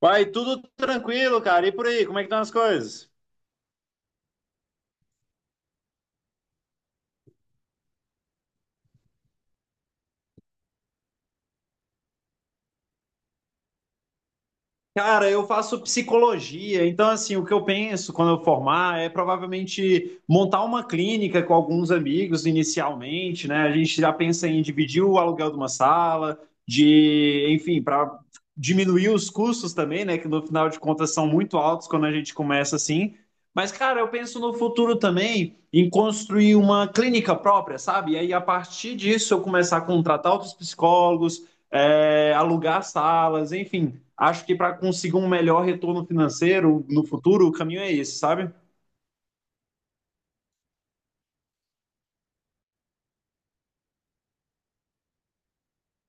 Vai, tudo tranquilo, cara. E por aí, como é que estão as coisas? Cara, eu faço psicologia, então assim, o que eu penso quando eu formar é provavelmente montar uma clínica com alguns amigos inicialmente, né? A gente já pensa em dividir o aluguel de uma sala, de, enfim, para diminuir os custos também, né? Que no final de contas são muito altos quando a gente começa assim. Mas, cara, eu penso no futuro também em construir uma clínica própria, sabe? E aí, a partir disso, eu começar a contratar outros psicólogos, alugar salas, enfim, acho que para conseguir um melhor retorno financeiro no futuro, o caminho é esse, sabe?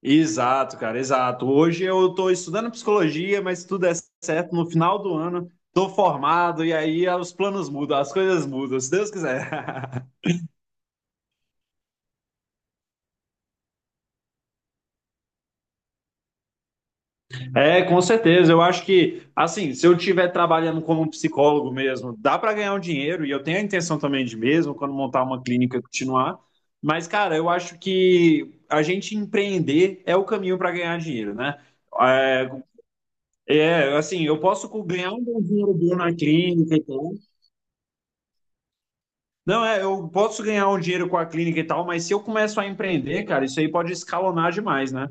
Exato, cara, exato. Hoje eu estou estudando psicologia, mas se tudo é certo, no final do ano estou formado e aí os planos mudam, as coisas mudam, se Deus quiser. É, com certeza. Eu acho que, assim, se eu estiver trabalhando como um psicólogo mesmo, dá para ganhar um dinheiro e eu tenho a intenção também de mesmo, quando montar uma clínica, continuar. Mas, cara, eu acho que a gente empreender é o caminho para ganhar dinheiro, né? É, É, assim, ganhar um bom dinheiro bom na clínica e tal. Não, é, eu posso ganhar um dinheiro com a clínica e tal, mas se eu começo a empreender, cara, isso aí pode escalonar demais, né?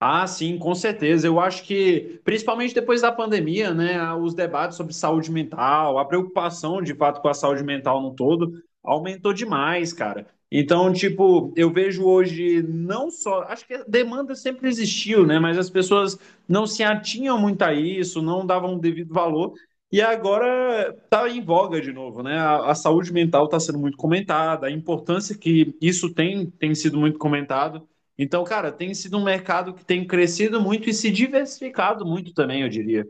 Ah, sim, com certeza. Eu acho que, principalmente depois da pandemia, né, os debates sobre saúde mental, a preocupação de fato com a saúde mental no todo, aumentou demais, cara. Então, tipo, eu vejo hoje não só. Acho que a demanda sempre existiu, né, mas as pessoas não se atinham muito a isso, não davam o devido valor. E agora tá em voga de novo, né? A saúde mental está sendo muito comentada, a importância que isso tem, tem sido muito comentado. Então, cara, tem sido um mercado que tem crescido muito e se diversificado muito também, eu diria.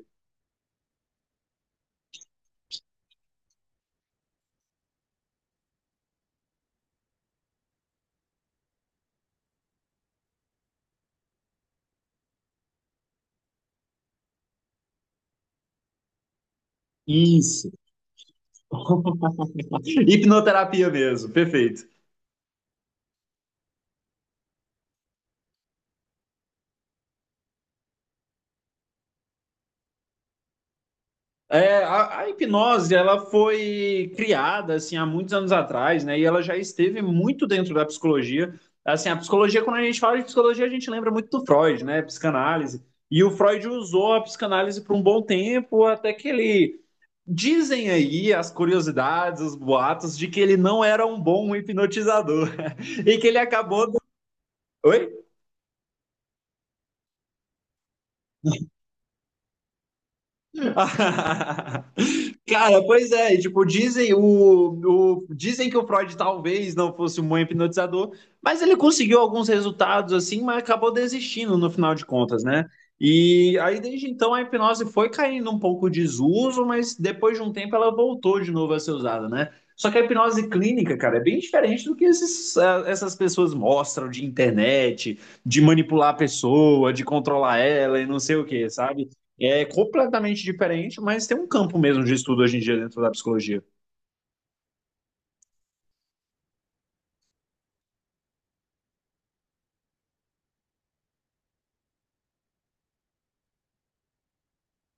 Isso. Hipnoterapia mesmo, perfeito. É, a hipnose, ela foi criada, assim, há muitos anos atrás, né? E ela já esteve muito dentro da psicologia. Assim, a psicologia, quando a gente fala de psicologia, a gente lembra muito do Freud, né? Psicanálise. E o Freud usou a psicanálise por um bom tempo, até que ele... Dizem aí as curiosidades, os boatos de que ele não era um bom hipnotizador e que ele acabou. Do... Oi? Cara, pois é, e, tipo, dizem que o Freud talvez não fosse um bom hipnotizador, mas ele conseguiu alguns resultados assim, mas acabou desistindo no final de contas, né? E aí desde então a hipnose foi caindo um pouco de desuso, mas depois de um tempo ela voltou de novo a ser usada, né? Só que a hipnose clínica, cara, é bem diferente do que esses, essas pessoas mostram de internet, de manipular a pessoa, de controlar ela e não sei o quê, sabe? É completamente diferente, mas tem um campo mesmo de estudo hoje em dia dentro da psicologia.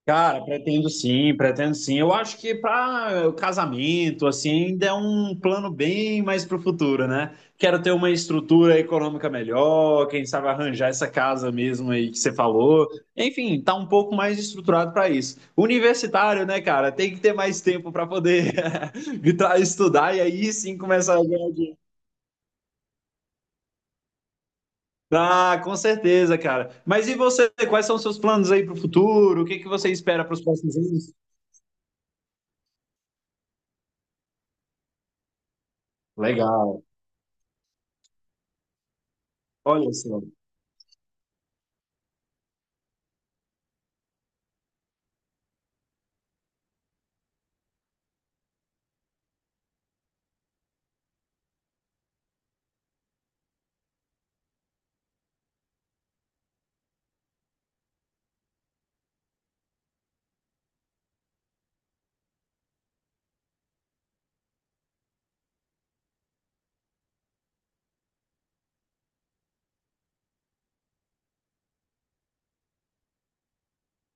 Cara, pretendo sim, pretendo sim. Eu acho que para o casamento, assim, ainda é um plano bem mais para o futuro, né? Quero ter uma estrutura econômica melhor, quem sabe arranjar essa casa mesmo aí que você falou. Enfim, tá um pouco mais estruturado para isso. Universitário, né, cara? Tem que ter mais tempo para poder estudar e aí sim começar a ganhar. Ah, com certeza, cara. Mas e você? Quais são os seus planos aí para o futuro? O que que você espera para os próximos anos? Legal. Olha só.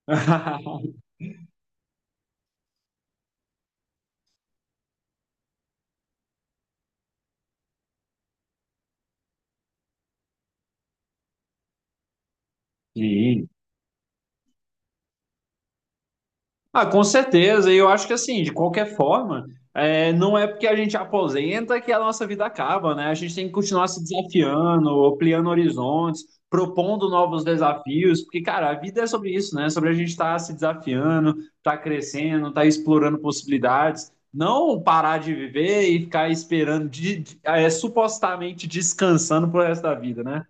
Sim. Ah, com certeza. E eu acho que assim, de qualquer forma, é, não é porque a gente aposenta que a nossa vida acaba, né? A gente tem que continuar se desafiando, ampliando horizontes, propondo novos desafios, porque, cara, a vida é sobre isso, né? É sobre a gente estar se desafiando, estar crescendo, estar explorando possibilidades. Não parar de viver e ficar esperando, supostamente descansando pro resto da vida, né?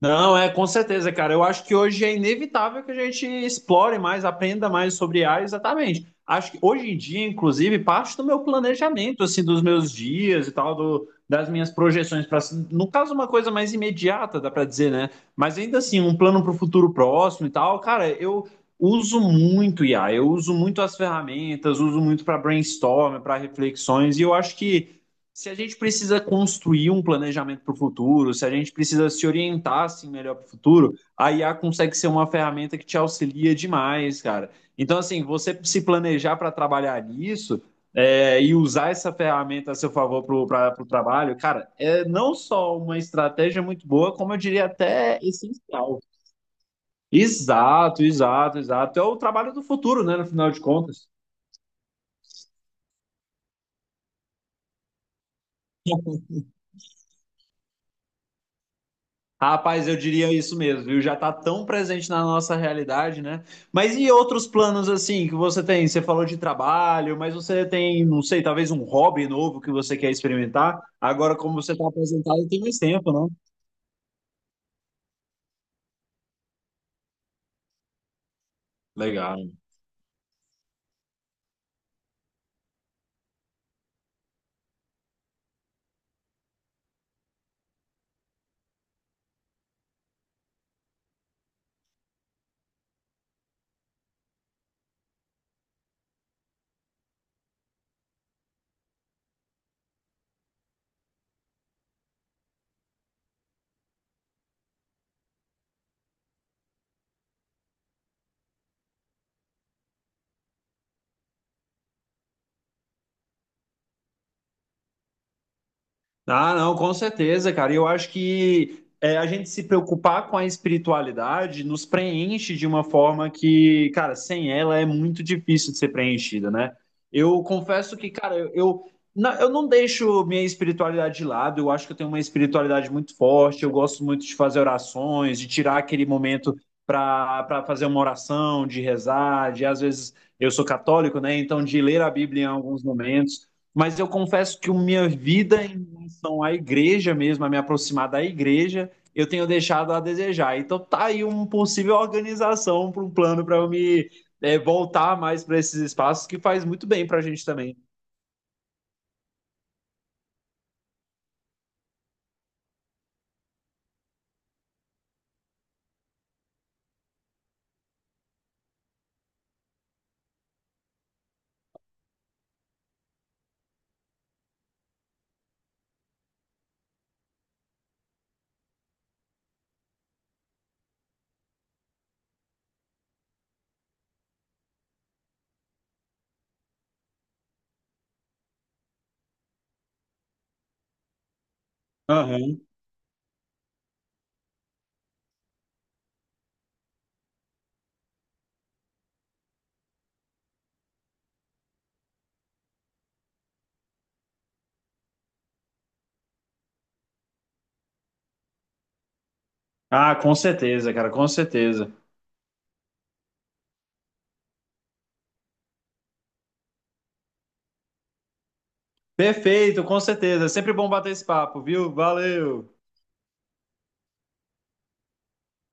Não, é com certeza, cara. Eu acho que hoje é inevitável que a gente explore mais, aprenda mais sobre IA, exatamente. Acho que hoje em dia, inclusive, parte do meu planejamento, assim, dos meus dias e tal, das minhas projeções para, no caso, uma coisa mais imediata, dá para dizer, né? Mas ainda assim, um plano para o futuro próximo e tal, cara, eu uso muito IA, eu uso muito as ferramentas, uso muito para brainstorm, para reflexões, e eu acho que se a gente precisa construir um planejamento para o futuro, se a gente precisa se orientar assim, melhor para o futuro, a IA consegue ser uma ferramenta que te auxilia demais, cara. Então, assim, você se planejar para trabalhar nisso, e usar essa ferramenta a seu favor para o trabalho, cara, é não só uma estratégia muito boa, como eu diria até essencial. Exato, exato, exato. É o trabalho do futuro, né, no final de contas. Rapaz, eu diria isso mesmo, viu? Já tá tão presente na nossa realidade, né? Mas e outros planos assim que você tem? Você falou de trabalho, mas você tem, não sei, talvez um hobby novo que você quer experimentar? Agora, como você tá apresentado tem mais tempo, não? Legal. Ah, não, com certeza, cara. E eu acho que é, a gente se preocupar com a espiritualidade nos preenche de uma forma que, cara, sem ela é muito difícil de ser preenchida, né? Eu confesso que, cara, eu não deixo minha espiritualidade de lado. Eu acho que eu tenho uma espiritualidade muito forte. Eu gosto muito de fazer orações, de tirar aquele momento para fazer uma oração, de rezar, de às vezes eu sou católico, né? Então de ler a Bíblia em alguns momentos, mas eu confesso que a minha vida em relação à igreja mesmo, a me aproximar da igreja, eu tenho deixado a desejar. Então tá aí uma possível organização para um plano para eu me, voltar mais para esses espaços que faz muito bem para a gente também. Aham. Ah, com certeza, cara, com certeza. Perfeito, com certeza. É sempre bom bater esse papo, viu? Valeu!